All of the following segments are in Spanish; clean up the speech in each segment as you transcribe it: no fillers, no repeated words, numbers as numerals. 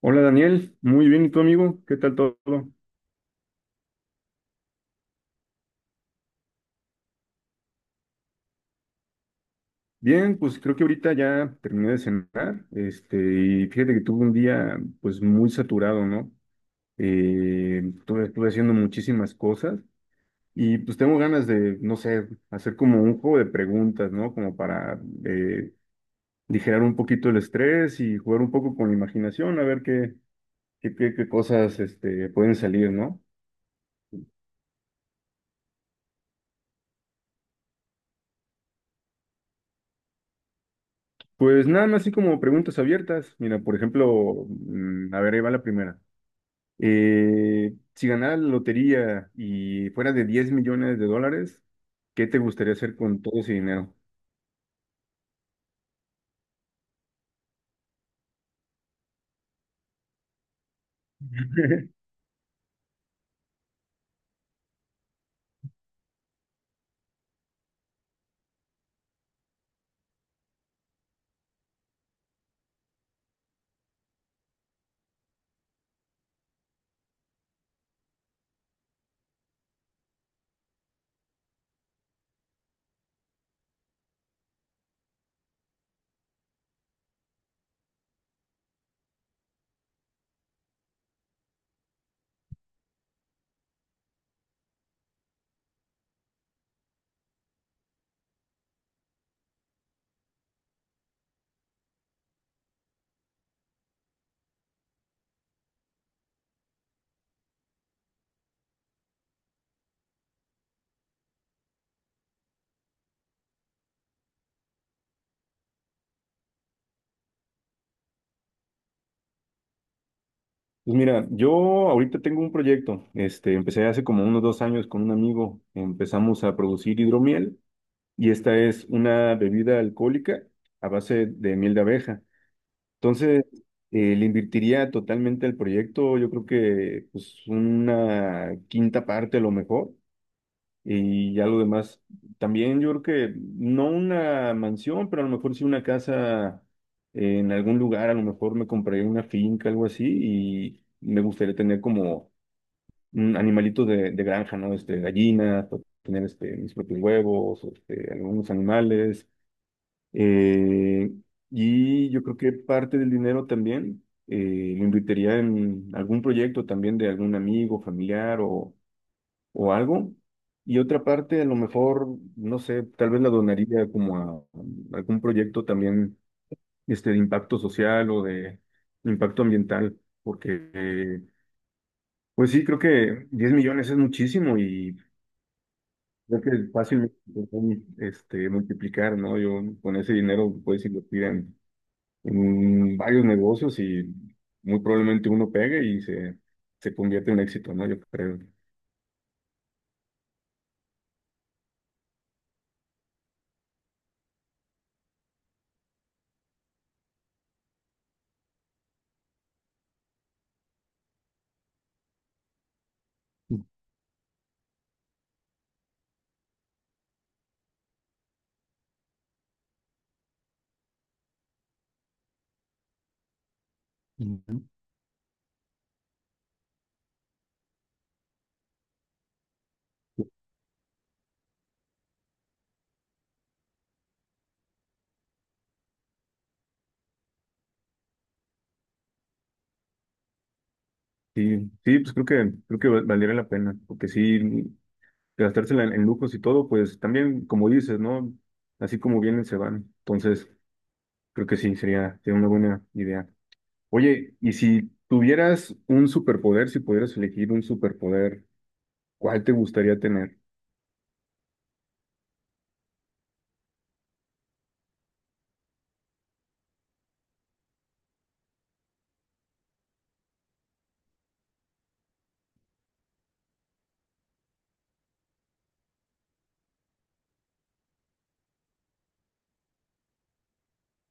Hola Daniel, muy bien, ¿y tú amigo? ¿Qué tal todo? Bien, pues creo que ahorita ya terminé de cenar, y fíjate que tuve un día pues muy saturado, ¿no? Estuve haciendo muchísimas cosas y pues tengo ganas de, no sé, hacer como un juego de preguntas, ¿no? Como para aligerar un poquito el estrés y jugar un poco con la imaginación, a ver qué cosas pueden salir, ¿no? Pues nada más así como preguntas abiertas. Mira, por ejemplo, a ver, ahí va la primera. Si ganara la lotería y fuera de 10 millones de dólares, ¿qué te gustaría hacer con todo ese dinero? Pues mira, yo ahorita tengo un proyecto, empecé hace como unos 2 años con un amigo, empezamos a producir hidromiel y esta es una bebida alcohólica a base de miel de abeja. Entonces, le invertiría totalmente al proyecto, yo creo que pues una quinta parte a lo mejor. Y ya lo demás, también yo creo que no una mansión, pero a lo mejor sí una casa en algún lugar, a lo mejor me compraría una finca, algo así, y me gustaría tener como un animalito de granja, ¿no? Este, gallinas, o tener este, mis propios huevos, o este, algunos animales. eh, y yo creo que parte del dinero también lo invertiría en algún proyecto también de algún amigo, familiar o algo. Y otra parte, a lo mejor, no sé, tal vez la donaría como a algún proyecto también este, de impacto social o de impacto ambiental, porque, pues sí, creo que 10 millones es muchísimo y creo que es fácil este, multiplicar, ¿no? Yo con ese dinero puedes invertir en varios negocios y muy probablemente uno pegue y se convierte en éxito, ¿no? Yo creo. Sí, sí, pues creo que valdría la pena, porque sí, gastársela en lujos y todo, pues también, como dices, ¿no? Así como vienen, se van. Entonces, creo que sí, sería, sería una buena idea. Oye, y si tuvieras un superpoder, si pudieras elegir un superpoder, ¿cuál te gustaría tener?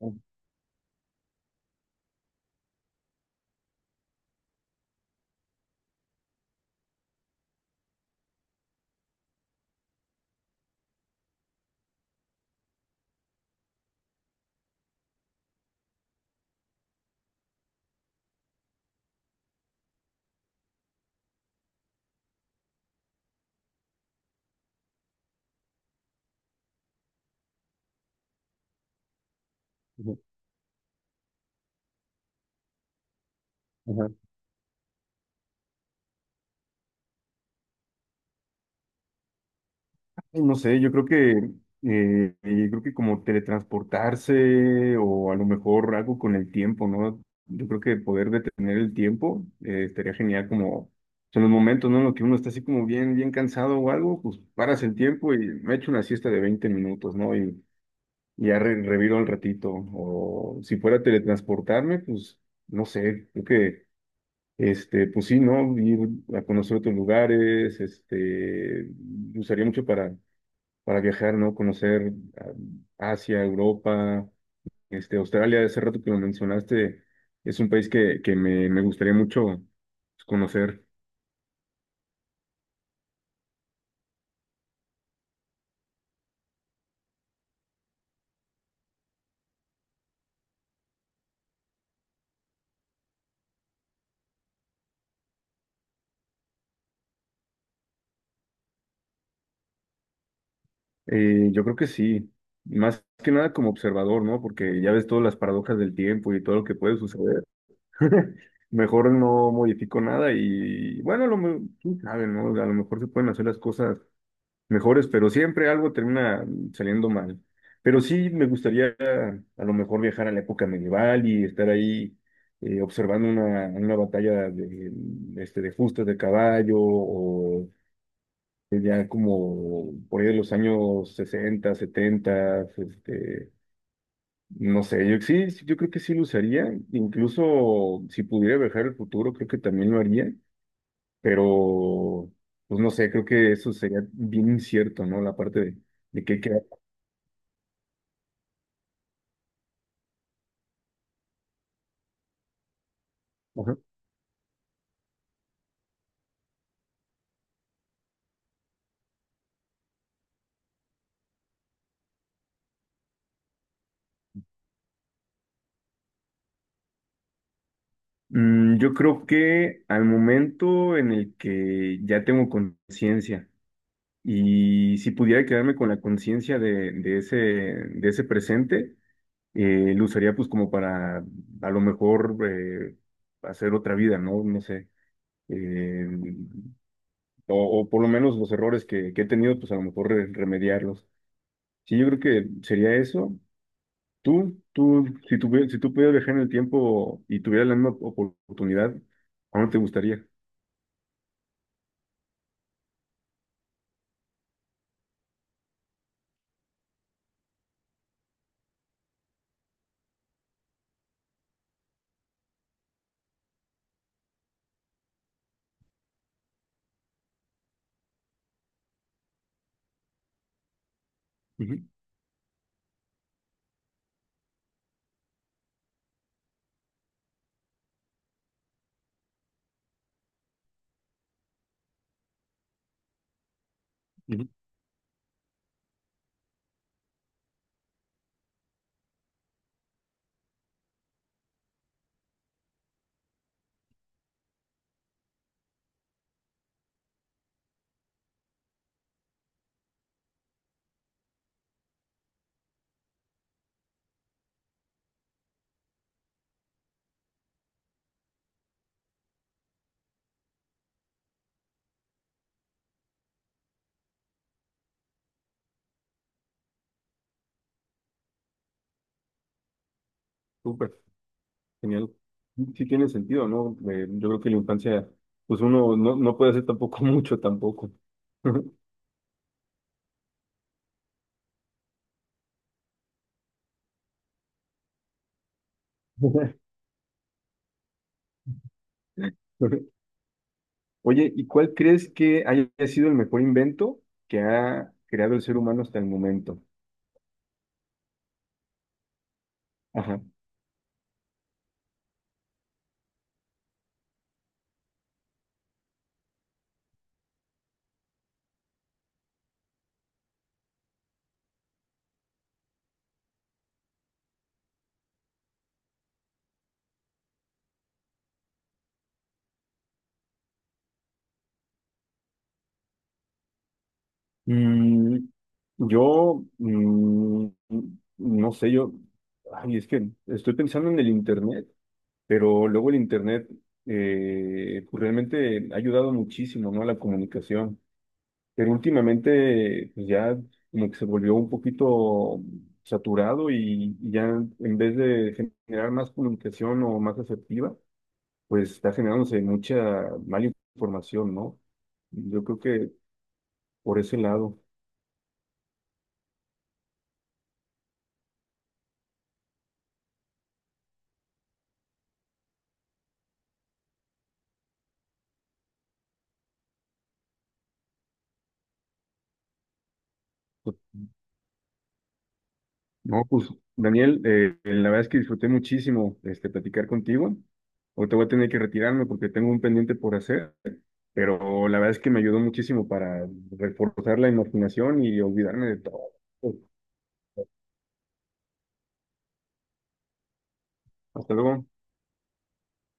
Ujú, ujú. Pues no sé, yo creo que como teletransportarse o a lo mejor algo con el tiempo, ¿no? Yo creo que poder detener el tiempo estaría genial, como son los momentos, ¿no? En los que uno está así como bien, bien cansado o algo, pues paras el tiempo y me echo una siesta de 20 minutos, ¿no? Y y ya reviro al ratito. O si fuera a teletransportarme, pues no sé, creo que este, pues sí, ¿no? Ir a conocer otros lugares, este, usaría mucho para viajar, ¿no? Conocer ah, Asia, Europa, este, Australia, ese rato que lo mencionaste, es un país que me gustaría mucho pues, conocer. Yo creo que sí, más que nada como observador, ¿no? Porque ya ves todas las paradojas del tiempo y todo lo que puede suceder. Mejor no modifico nada y bueno, a lo, quién sabe, ¿no? A lo mejor se pueden hacer las cosas mejores, pero siempre algo termina saliendo mal. Pero sí me gustaría a lo mejor viajar a la época medieval y estar ahí observando una batalla este, de justas de caballo o ya como por ahí de los años 60, 70, este, no sé, yo sí, sí, yo creo que sí lo usaría, incluso si pudiera viajar al futuro, creo que también lo haría, pero pues no sé, creo que eso sería bien incierto, ¿no? La parte de qué. Ujú. Yo creo que al momento en el que ya tengo conciencia y si pudiera quedarme con la conciencia de ese presente, lo usaría pues como para a lo mejor hacer otra vida, ¿no? No sé. Eh, o por lo menos los errores que he tenido, pues a lo mejor remediarlos. Sí, yo creo que sería eso. Si tú, si tú pudieras viajar en el tiempo y tuvieras la misma oportunidad, ¿a dónde te gustaría? Ujú. Súper, genial. Sí tiene sentido, ¿no? Yo creo que la infancia, pues uno no, no puede hacer tampoco mucho tampoco. Oye, ¿y cuál crees que haya sido el mejor invento que ha creado el ser humano hasta el momento? Ajá. Mm, yo, mm, no sé, yo, ay, es que estoy pensando en el Internet, pero luego el Internet pues realmente ha ayudado muchísimo, ¿no? A la comunicación, pero últimamente pues ya como que se volvió un poquito saturado y ya en vez de generar más comunicación o más asertiva, pues está generándose mucha mala información, ¿no? Yo creo que por ese lado. Pues no, pues Daniel, la verdad es que disfruté muchísimo este, platicar contigo. Ahorita voy a tener que retirarme porque tengo un pendiente por hacer, pero la verdad es que me ayudó muchísimo para reforzar la imaginación y olvidarme de todo. Hasta luego.